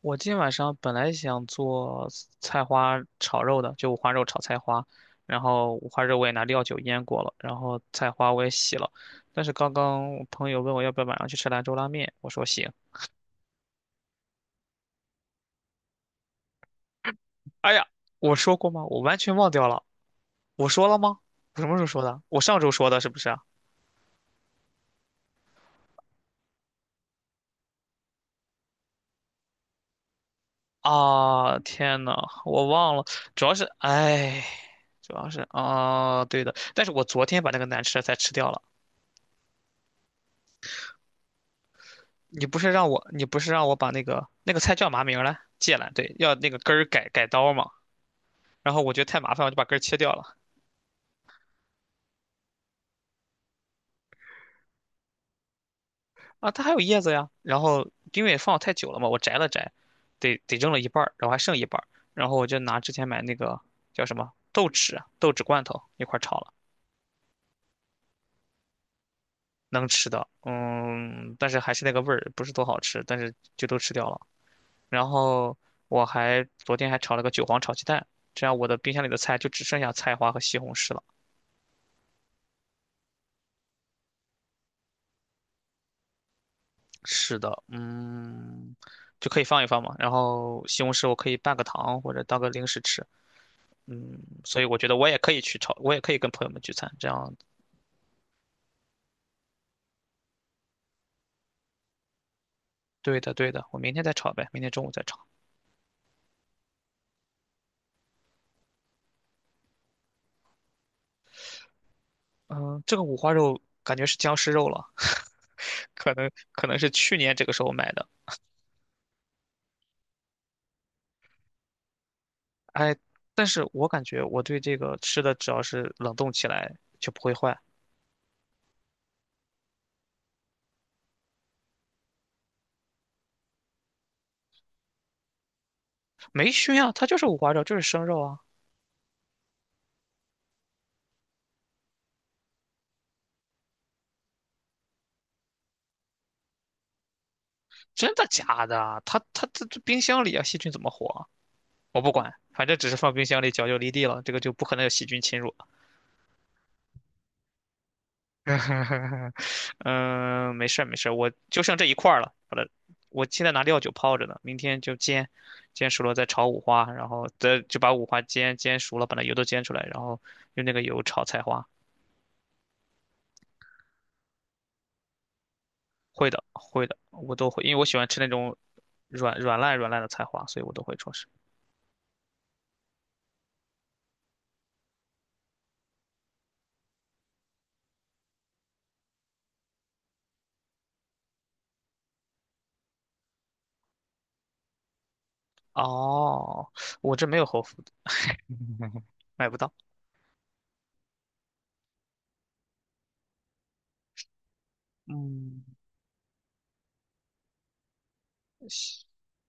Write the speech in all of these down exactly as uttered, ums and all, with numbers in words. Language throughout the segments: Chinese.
我今天晚上本来想做菜花炒肉的，就五花肉炒菜花，然后五花肉我也拿料酒腌过了，然后菜花我也洗了，但是刚刚我朋友问我要不要晚上去吃兰州拉面，我说行。哎呀，我说过吗？我完全忘掉了，我说了吗？我什么时候说的？我上周说的，是不是啊？啊，天呐，我忘了，主要是，哎，主要是啊，对的，但是我昨天把那个难吃的菜吃掉了。你不是让我，你不是让我把那个那个菜叫嘛名儿来？芥兰，对，要那个根儿改改刀嘛。然后我觉得太麻烦，我就把根儿切掉了。啊，它还有叶子呀。然后因为放太久了嘛，我摘了摘，得得扔了一半儿，然后还剩一半儿。然后我就拿之前买那个叫什么豆豉啊豆豉罐头一块儿炒了，能吃的。嗯，但是还是那个味儿，不是多好吃，但是就都吃掉了。然后我还昨天还炒了个韭黄炒鸡蛋，这样我的冰箱里的菜就只剩下菜花和西红柿了。是的，嗯，就可以放一放嘛。然后西红柿我可以拌个糖或者当个零食吃，嗯，所以我觉得我也可以去炒，我也可以跟朋友们聚餐，这样。对的，对的，我明天再炒呗，明天中午再炒。嗯，这个五花肉感觉是僵尸肉了，可能可能是去年这个时候买的。哎，但是我感觉我对这个吃的只要是冷冻起来就不会坏，没熏啊，它就是五花肉，就是生肉啊。真的假的啊？它它它这冰箱里啊，细菌怎么活啊？我不管，反正只是放冰箱里，脚就离地了，这个就不可能有细菌侵入。嗯，没事儿没事儿，我就剩这一块儿了，把它，我现在拿料酒泡着呢，明天就煎，煎熟了再炒五花，然后再就把五花煎煎熟了，把那油都煎出来，然后用那个油炒菜花。会的会的，我都会，因为我喜欢吃那种软软烂软烂的菜花，所以我都会做事。哦，我这没有侯府，买不到。嗯，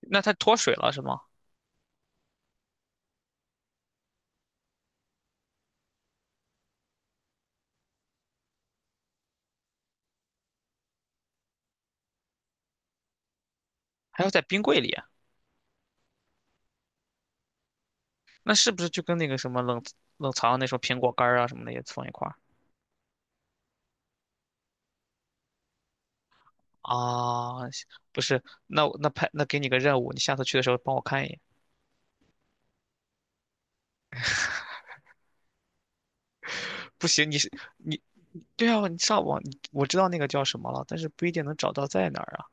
那它脱水了是吗？还要在冰柜里啊，那是不是就跟那个什么冷冷藏那种苹果干儿啊什么的也放一块儿啊？行不是，那我那派那给你个任务，你下次去的时候帮我看一眼。不行，你是你对啊，你上网你我知道那个叫什么了，但是不一定能找到在哪儿啊。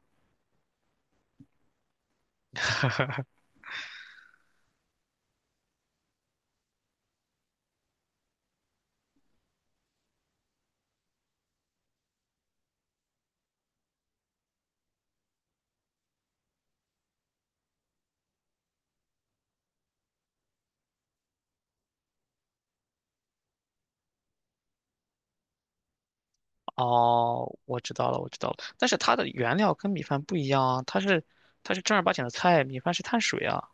哦，我知道了，我知道了，但是它的原料跟米饭不一样啊，它是它是正儿八经的菜，米饭是碳水啊。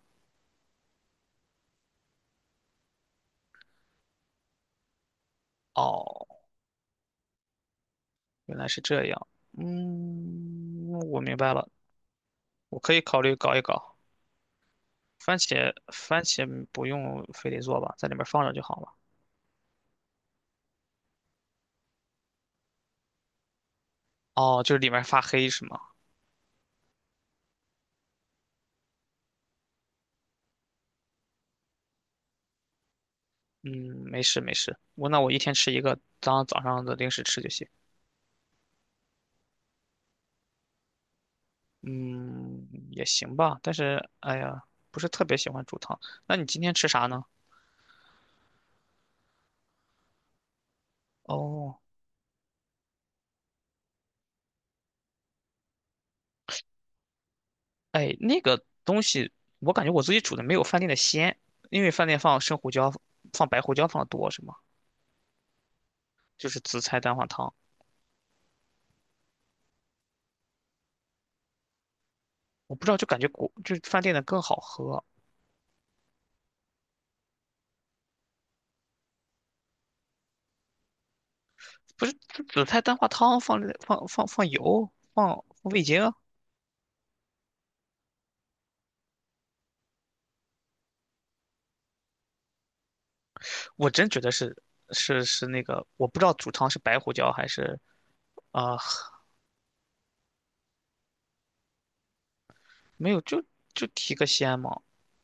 哦，原来是这样，嗯，我明白了，我可以考虑搞一搞。番茄番茄不用非得做吧，在里面放着就好了。哦，就是里面发黑是吗？嗯，没事没事，我那我一天吃一个，当早上的零食吃就行。嗯，也行吧，但是哎呀，不是特别喜欢煮汤。那你今天吃啥呢？哦，哎，那个东西我感觉我自己煮的没有饭店的鲜，因为饭店放生胡椒、放白胡椒放的多是吗？就是紫菜蛋花汤，我不知道，就感觉国就是饭店的更好喝。不是紫紫菜蛋花汤放了放放放油放放味精啊，我真觉得是是是那个，我不知道煮汤是白胡椒还是啊、没有就就提个鲜嘛，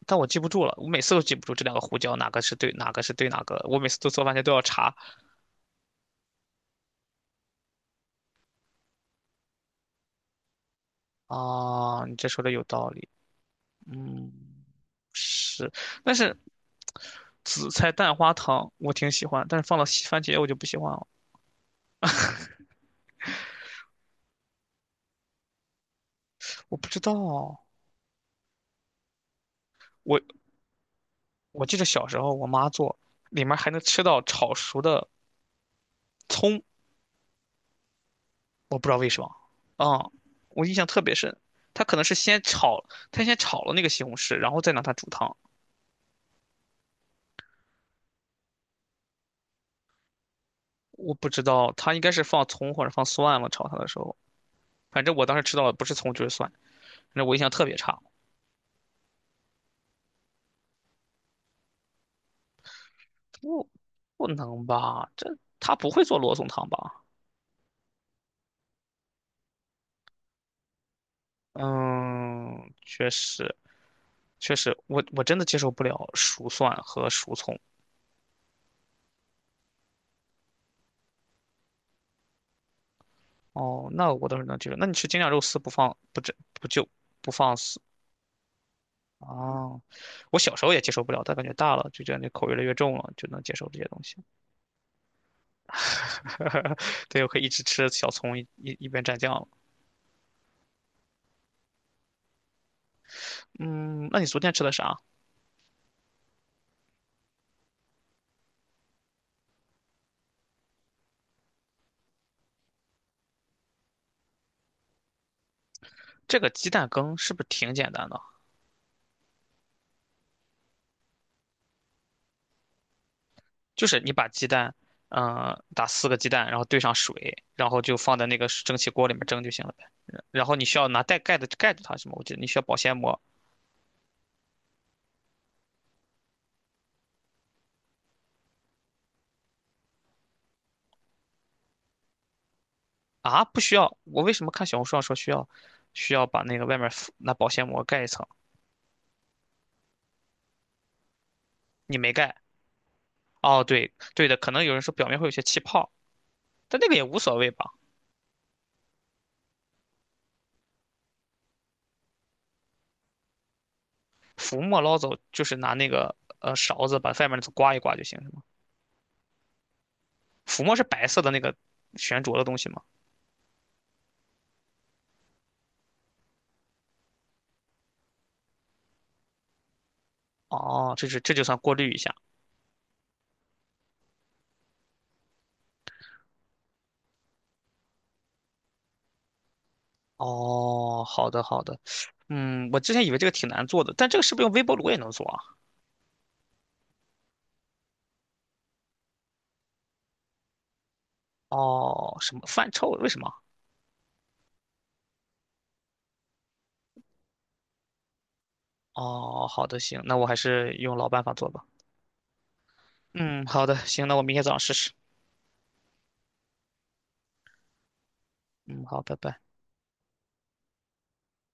但我记不住了，我每次都记不住这两个胡椒哪个是对哪个是对哪个，我每次都做饭前都要查啊。你这说的有道理，嗯，是，但是紫菜蛋花汤我挺喜欢，但是放了西番茄我就不喜欢了，我不知道啊，我我记得小时候我妈做，里面还能吃到炒熟的葱，我不知道为什么，啊、我印象特别深。她可能是先炒，她先炒了那个西红柿，然后再拿它煮汤。我不知道，她应该是放葱或者放蒜了，炒它的时候。反正我当时吃到的不是葱就是蒜，反正我印象特别差。不，不能吧？这她不会做罗宋汤吧？嗯，确实，确实，我我真的接受不了熟蒜和熟葱。哦，那我倒是能接受。那你吃京酱肉丝不放不蘸不就不放丝啊？我小时候也接受不了，但感觉大了就觉得那口越来越重了，就能接受这些东西。对，我可以一直吃小葱，一一一边蘸酱了。嗯，那你昨天吃的啥？这个鸡蛋羹是不是挺简单的？就是你把鸡蛋，嗯、打四个鸡蛋，然后兑上水，然后就放在那个蒸汽锅里面蒸就行了呗。然然后你需要拿带盖的盖住它，什么？我记得你需要保鲜膜，啊，不需要。我为什么看小红书上说需要，需要把那个外面敷拿保鲜膜盖一层？你没盖。哦，对对的，可能有人说表面会有些气泡，但那个也无所谓吧。浮沫捞走就是拿那个呃勺子把外面那层刮一刮就行，是吗？浮沫是白色的那个悬浊的东西吗？哦，这是这就算过滤一下。哦，好的好的。嗯，我之前以为这个挺难做的，但这个是不是用微波炉也能做啊？哦，什么饭臭？为什么？哦，好的行，那我还是用老办法做吧。嗯，好的，行，那我明天早上试试。嗯，好，拜拜。